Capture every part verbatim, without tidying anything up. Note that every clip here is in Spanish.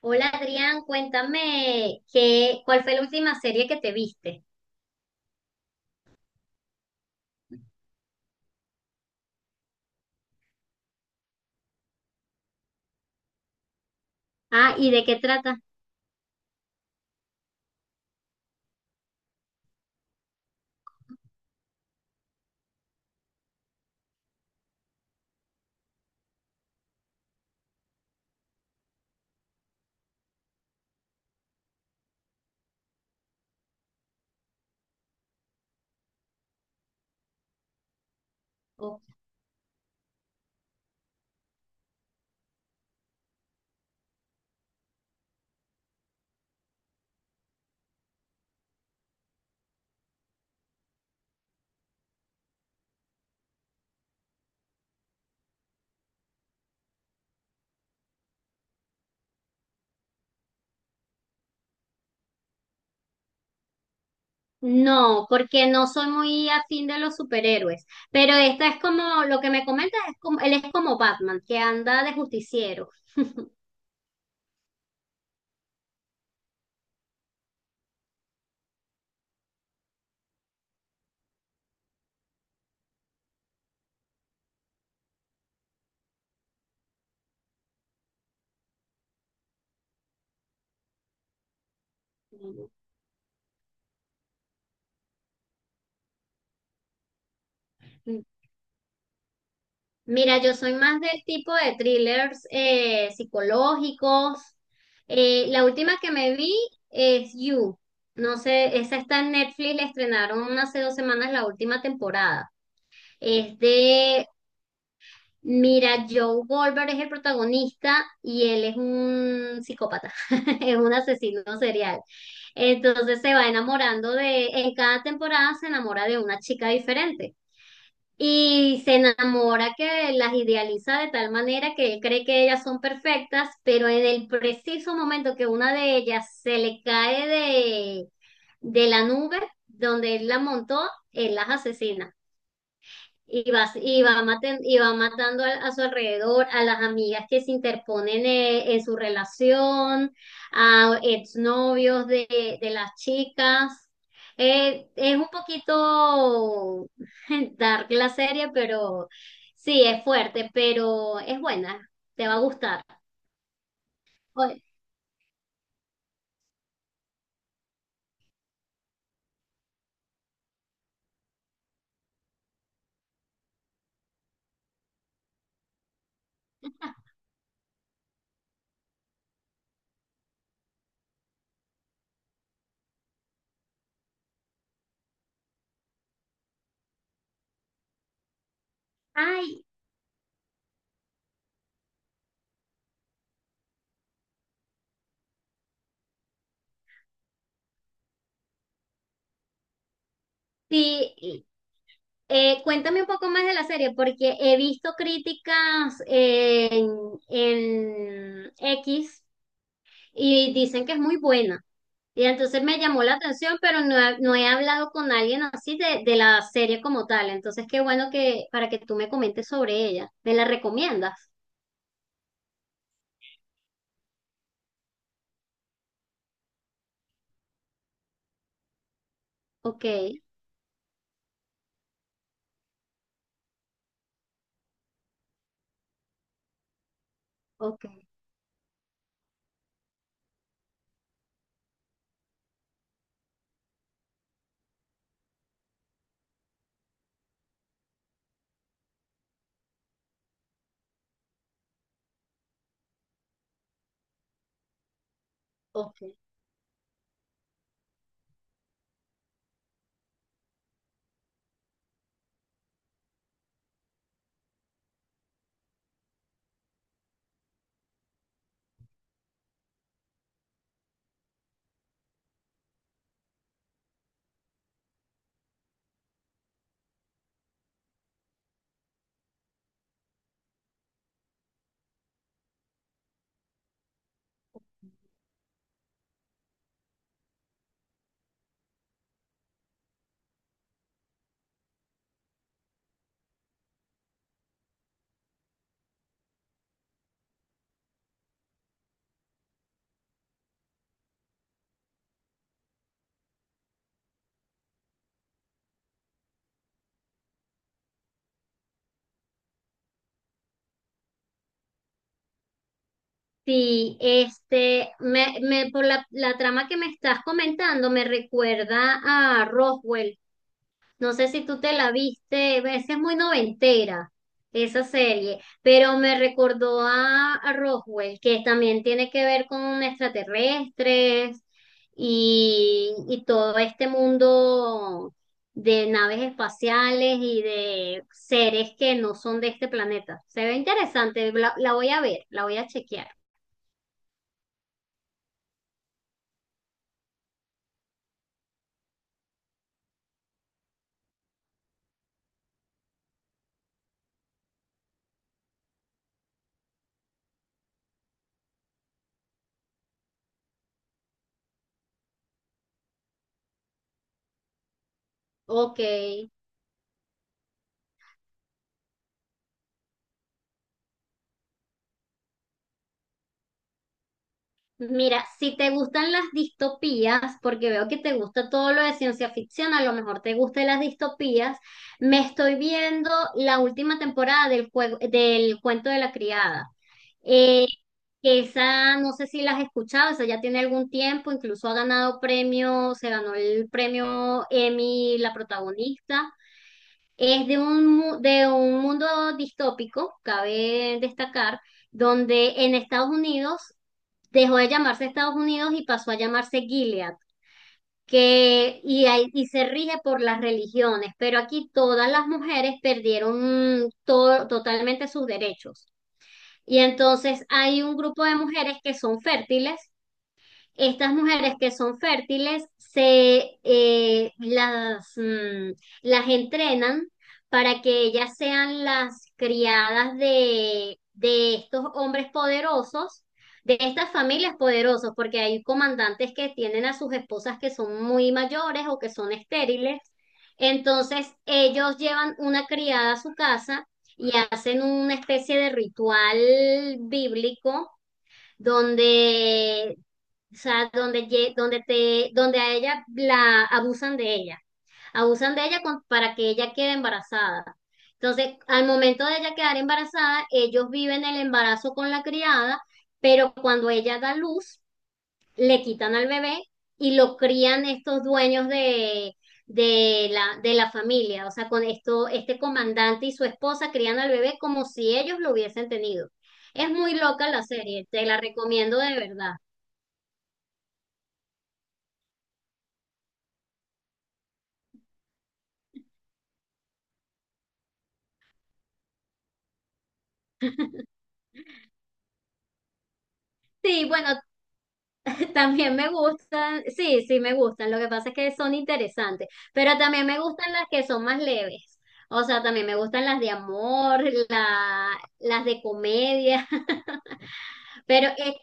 Hola Adrián, cuéntame qué, ¿cuál fue la última serie que te viste? Ah, ¿y de qué trata? Oh. No, porque no soy muy afín de los superhéroes, pero esta es como, lo que me comentas es como, él es como Batman, que anda de justiciero. Mira, yo soy más del tipo de thrillers eh, psicológicos. Eh, la última que me vi es You. No sé, esa está en Netflix, la estrenaron hace dos semanas la última temporada. Es de, mira, Joe Goldberg es el protagonista y él es un psicópata, es un asesino serial. Entonces se va enamorando de, en cada temporada se enamora de una chica diferente. Y se enamora que las idealiza de tal manera que él cree que ellas son perfectas, pero en el preciso momento que una de ellas se le cae de, de la nube donde él la montó, él las asesina. Y va y va, maten- y va matando a, a su alrededor, a las amigas que se interponen eh, en su relación, a exnovios de, de las chicas. Eh, es un poquito dark la serie, pero sí, es fuerte, pero es buena, te va a gustar. Oye. Ay, sí. Y, eh, cuéntame un poco más de la serie, porque he visto críticas en, en X y dicen que es muy buena. Y entonces me llamó la atención, pero no he, no he hablado con alguien así de, de la serie como tal. Entonces, qué bueno que para que tú me comentes sobre ella. ¿Me la recomiendas? Ok, ok, ok. Sí, este, me, me, por la, la trama que me estás comentando, me recuerda a Roswell. No sé si tú te la viste, esa es muy noventera, esa serie, pero me recordó a, a Roswell, que también tiene que ver con extraterrestres y, y todo este mundo de naves espaciales y de seres que no son de este planeta. Se ve interesante, la, la voy a ver, la voy a chequear. Ok. Mira, si te gustan las distopías, porque veo que te gusta todo lo de ciencia ficción, a lo mejor te gustan las distopías, me estoy viendo la última temporada del juego, del cuento de la criada. Eh, que esa, no sé si la has escuchado, esa ya tiene algún tiempo, incluso ha ganado premio, se ganó el premio Emmy, la protagonista. Es de un, mu- de un mundo distópico, cabe destacar, donde en Estados Unidos dejó de llamarse Estados Unidos y pasó a llamarse Gilead, que, y, hay- y se rige por las religiones, pero aquí todas las mujeres perdieron mm, to- totalmente sus derechos. Y entonces hay un grupo de mujeres que son fértiles. Estas mujeres que son fértiles se eh, las, mm, las entrenan para que ellas sean las criadas de, de estos hombres poderosos, de estas familias poderosas, porque hay comandantes que tienen a sus esposas que son muy mayores o que son estériles. Entonces ellos llevan una criada a su casa y hacen una especie de ritual bíblico donde o sea, donde, lle- donde, te, donde a ella la abusan de ella, abusan de ella con- para que ella quede embarazada. Entonces, al momento de ella quedar embarazada, ellos viven el embarazo con la criada, pero cuando ella da luz, le quitan al bebé y lo crían estos dueños de, de la, de la familia. O sea, con esto, este comandante y su esposa crían al bebé como si ellos lo hubiesen tenido. Es muy loca la serie, te la recomiendo de verdad. Sí, bueno, también me gustan, sí, sí me gustan, lo que pasa es que son interesantes, pero también me gustan las que son más leves, o sea, también me gustan las de amor, la, las de comedia. pero es-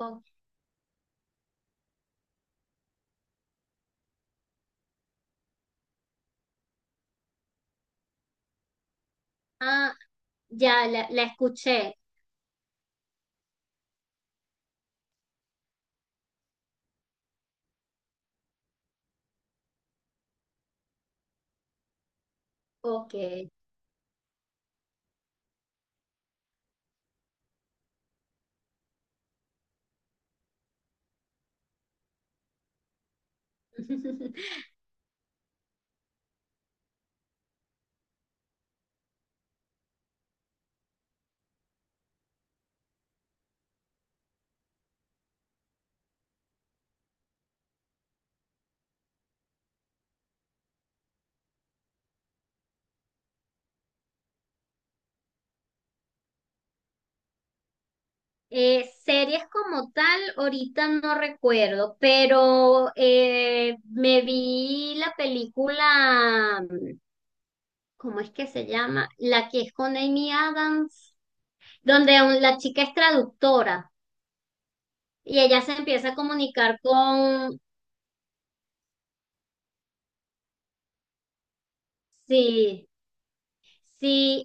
oh, ah, ya la, la escuché. Ok. Eh, series como tal, ahorita no recuerdo, pero eh, me vi la película, ¿cómo es que se llama? La que es con Amy Adams. Donde un- la chica es traductora y ella se empieza a comunicar con, sí, sí,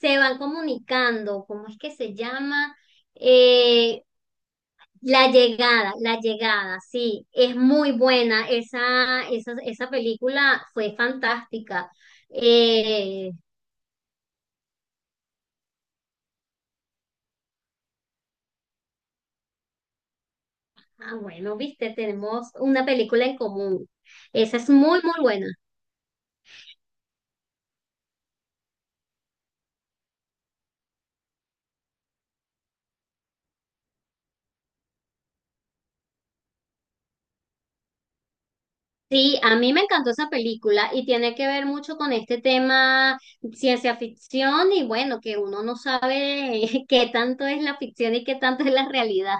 se van comunicando, ¿cómo es que se llama? Eh, la llegada, la llegada, sí, es muy buena, esa, esa, esa película fue fantástica. Eh, ah, bueno, viste, tenemos una película en común, esa es muy, muy buena. Sí, a mí me encantó esa película y tiene que ver mucho con este tema ciencia ficción y bueno, que uno no sabe qué tanto es la ficción y qué tanto es la realidad.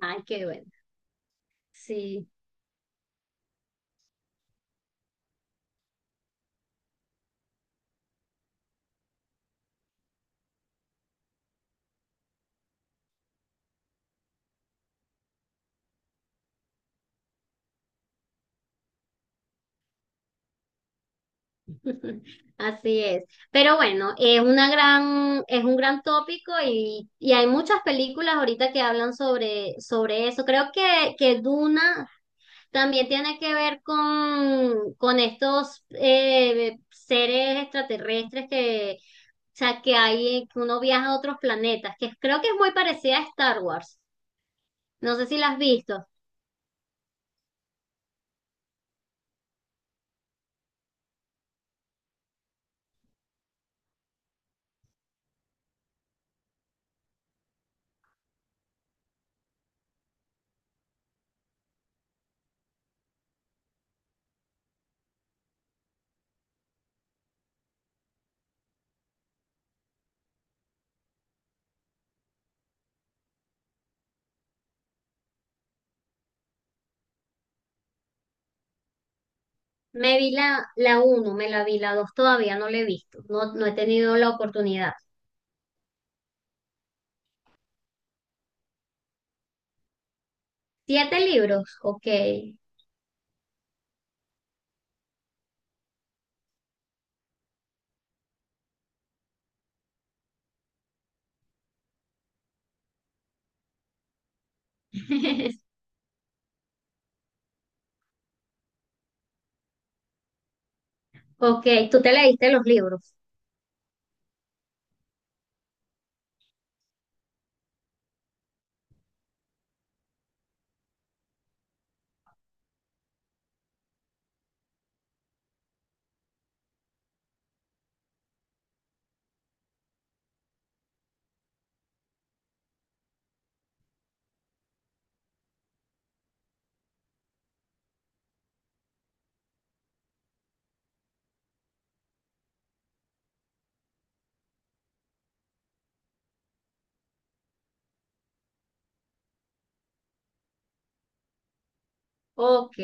Ay, qué bueno. Sí. Así es. Pero bueno, es una gran, es un gran tópico y, y hay muchas películas ahorita que hablan sobre, sobre eso. Creo que, que Duna también tiene que ver con, con estos eh, seres extraterrestres que, o sea, que hay, que uno viaja a otros planetas, que creo que es muy parecida a Star Wars. No sé si la has visto. Me vi la, la uno, me la vi, la dos. Todavía no la he visto. No, no he tenido la oportunidad. Siete libros, ok. Ok, tú te leíste los libros. Ok,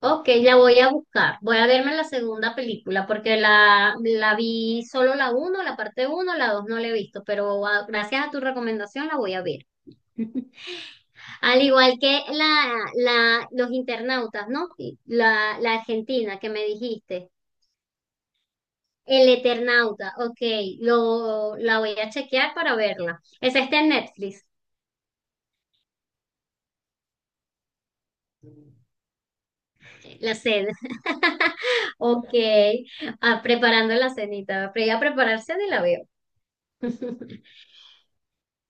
ok, la voy a buscar. Voy a verme la segunda película porque la, la vi solo la uno, la parte uno, la dos no la he visto, pero ah, gracias a tu recomendación la voy a ver. Al igual que la, la, los internautas, ¿no? Y La, la Argentina que me dijiste. El Eternauta, ok, lo, la voy a chequear para verla. Esa está en Netflix, la sé. Ok, ah, preparando la cenita. Pero ya prepararse ni la veo.